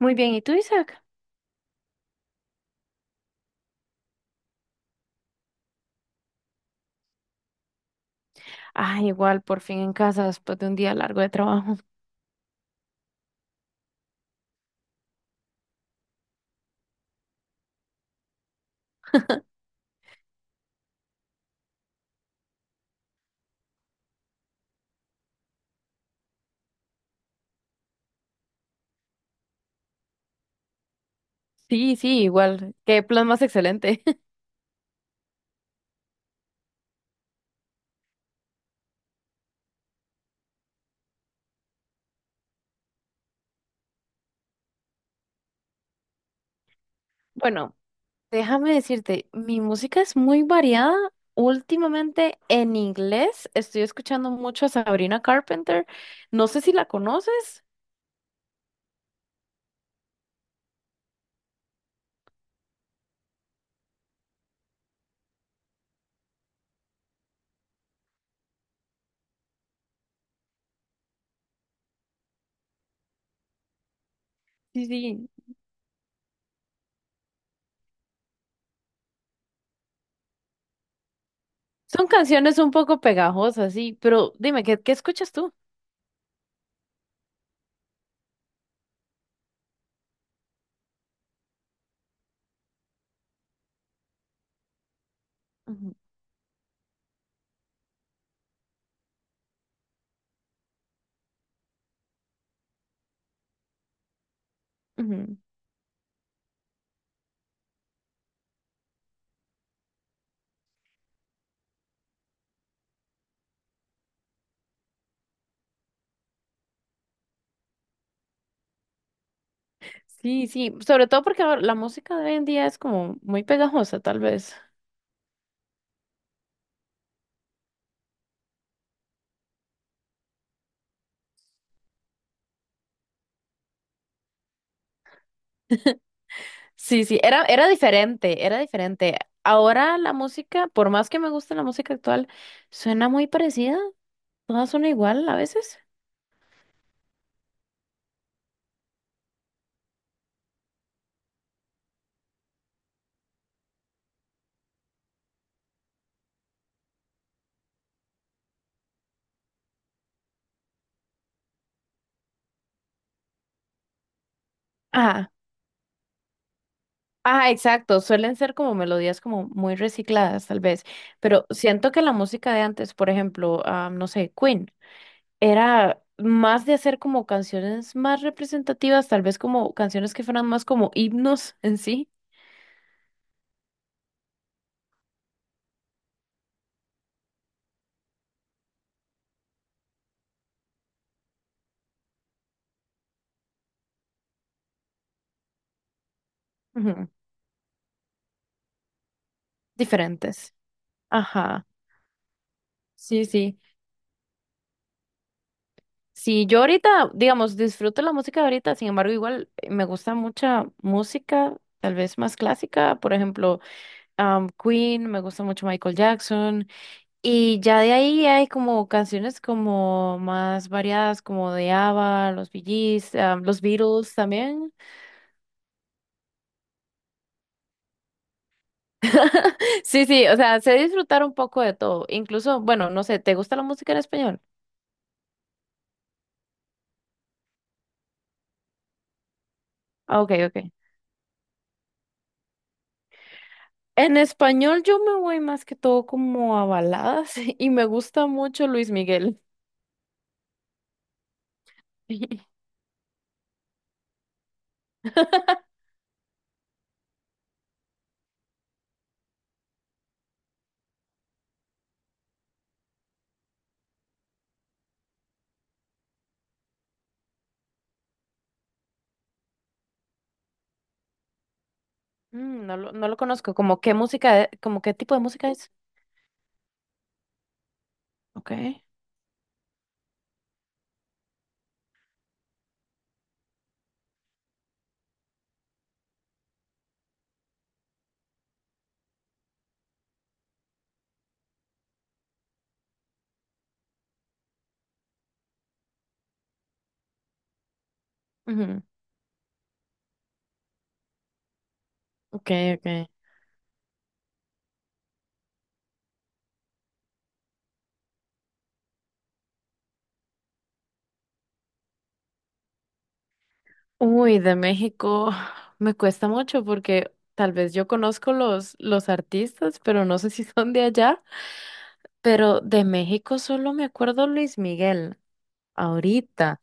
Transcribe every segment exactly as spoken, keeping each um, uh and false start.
Muy bien, ¿y tú, Isaac? Ah, igual, por fin en casa después de un día largo de trabajo. Sí, sí, igual. Qué plan más excelente. Bueno, déjame decirte, mi música es muy variada. Últimamente en inglés estoy escuchando mucho a Sabrina Carpenter. No sé si la conoces. Sí, sí. Son canciones un poco pegajosas, sí, pero dime, ¿qué, qué escuchas tú? Ujú, ujú. Sí, sí, sobre todo porque ahora la música de hoy en día es como muy pegajosa, tal vez. Sí, sí, era, era diferente, era diferente. Ahora la música, por más que me guste la música actual, suena muy parecida, todas son igual a veces. Ajá, ajá, exacto, suelen ser como melodías como muy recicladas tal vez, pero siento que la música de antes, por ejemplo, ah, no sé, Queen, era más de hacer como canciones más representativas, tal vez como canciones que fueran más como himnos en sí, ujú, diferentes. Ajá, sí, sí. Sí, yo ahorita, digamos, disfruto la música de ahorita, sin embargo, igual eh, me gusta mucha música, tal vez más clásica, por ejemplo, am, Queen, me gusta mucho Michael Jackson, y ya de ahí hay como canciones como más variadas, como de ABBA, los Bee Gees, am, los Beatles también. Sí, sí, o sea, sé disfrutar un poco de todo, incluso, bueno, no sé, ¿te gusta la música en español? Ah, ok, ok. En español yo me voy más que todo como a baladas y me gusta mucho Luis Miguel. Mm, no lo, no lo conozco. ¿Como qué música, e- como qué tipo de música es? Ok, ujú, ok, ok. Uy, de México me cuesta mucho porque tal vez yo conozco los, los artistas, pero no sé si son de allá. Pero de México solo me acuerdo Luis Miguel ahorita.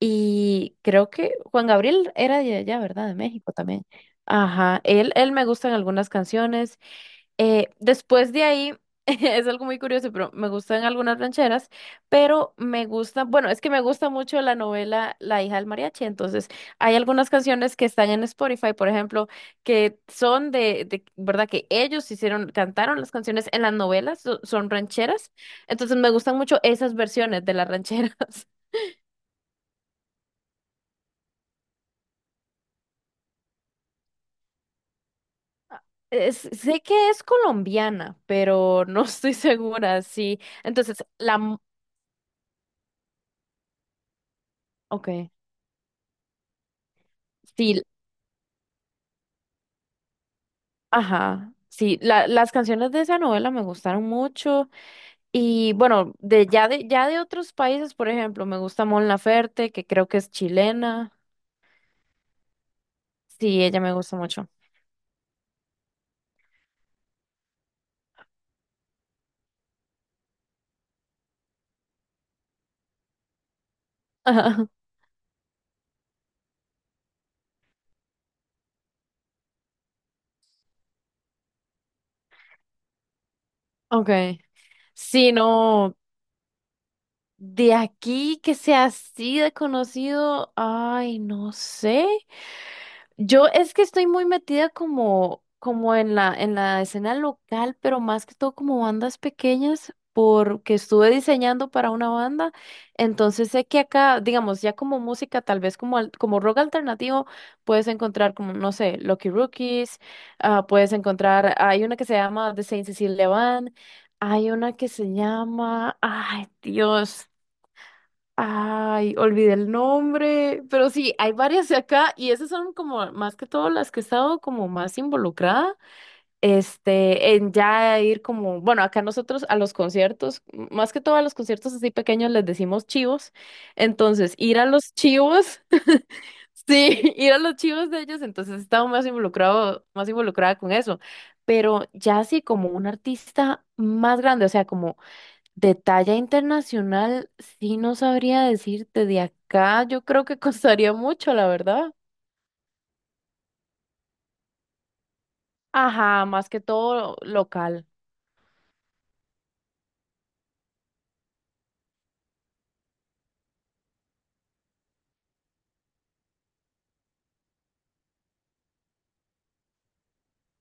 Y creo que Juan Gabriel era de allá, ¿verdad? De México también. Ajá, él, él me gustan algunas canciones. Eh, después de ahí, es algo muy curioso, pero me gustan algunas rancheras, pero me gusta, bueno, es que me gusta mucho la novela La hija del mariachi, entonces hay algunas canciones que están en Spotify, por ejemplo, que son de, de, ¿verdad? Que ellos hicieron, cantaron las canciones en las novelas, so- son rancheras, entonces me gustan mucho esas versiones de las rancheras. Es- sé que es colombiana, pero no estoy segura, sí. Entonces, la... mu- Ok, sí. Ajá, sí, la- las canciones de esa novela me gustaron mucho y bueno, de ya de ya de otros países, por ejemplo, me gusta Mon Laferte, que creo que es chilena. Sí, ella me gusta mucho. Ajá, okay. Sí, no, de aquí que sea así de conocido, ay, no sé. Yo es que estoy muy metida como, como en la, en la escena local, pero más que todo como bandas pequeñas, porque estuve diseñando para una banda. Entonces sé que acá, digamos, ya como música, tal vez como, al- como rock alternativo, puedes encontrar como, no sé, Lucky Rookies, ah, puedes encontrar, hay una que se llama The Saint Cecilia Band, hay una que se llama, ay Dios. Ay, olvidé el nombre, pero sí, hay varias de acá y esas son como más que todo las que he estado como más involucrada, este, en ya ir como, bueno, acá nosotros a los conciertos, m- más que todo a los conciertos así pequeños les decimos chivos, entonces ir a los chivos, sí, ir a los chivos de ellos, entonces he estado más involucrado, más involucrada con eso, pero ya así como un artista más grande, o sea, como de talla internacional, sí no sabría decirte de acá, yo creo que costaría mucho, la verdad. Ajá, más que todo local.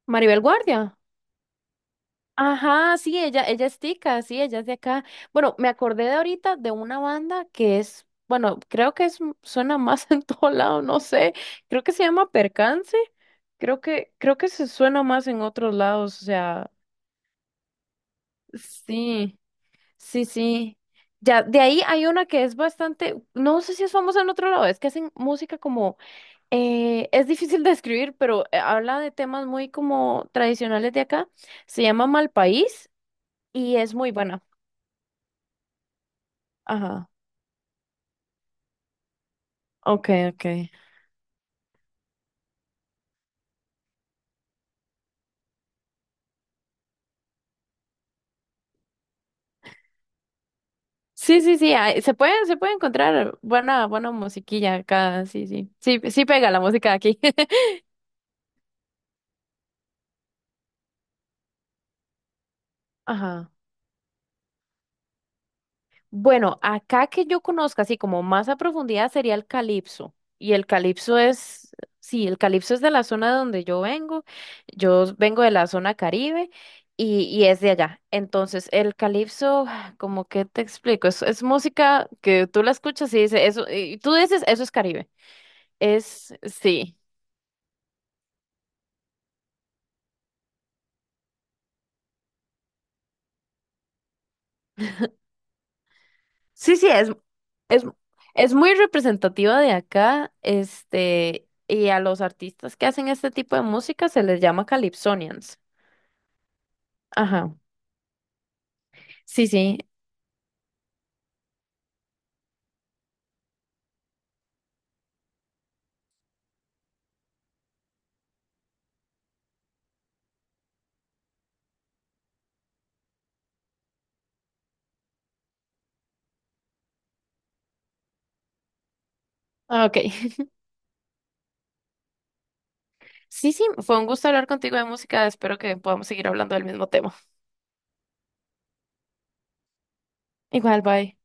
Maribel Guardia. Ajá, sí, ella, ella es tica, sí, ella es de acá. Bueno, me acordé de ahorita de una banda que es, bueno, creo que es, suena más en todo lado, no sé, creo que se llama Percance, creo que, creo que se suena más en otros lados, o sea, sí. Sí, sí. Ya, de ahí hay una que es bastante, no sé si es famosa en otro lado, es que hacen música como, eh, es difícil de escribir, pero eh, habla de temas muy como tradicionales de acá. Se llama Mal País y es muy buena. Ajá. Ok, ok. Sí, sí, sí, ah, se puede, se puede encontrar buena, buena musiquilla acá, sí, sí. Sí, sí pega la música de aquí. Ajá. Bueno, acá que yo conozca así como más a profundidad sería el calipso. Y el calipso es, sí, el calipso es de la zona de donde yo vengo. Yo vengo de la zona Caribe y, y es de allá. Entonces, el calipso, como que te explico, es, es música que tú la escuchas y dices, eso, y tú dices, eso es Caribe. Es, sí. Sí, sí, es, es, es muy representativa de acá, este, y a los artistas que hacen este tipo de música se les llama calypsonians. Ajá. Sí, sí. Ah, ok. Sí, sí, fue un gusto hablar contigo de música. Espero que podamos seguir hablando del mismo tema. Igual, bye.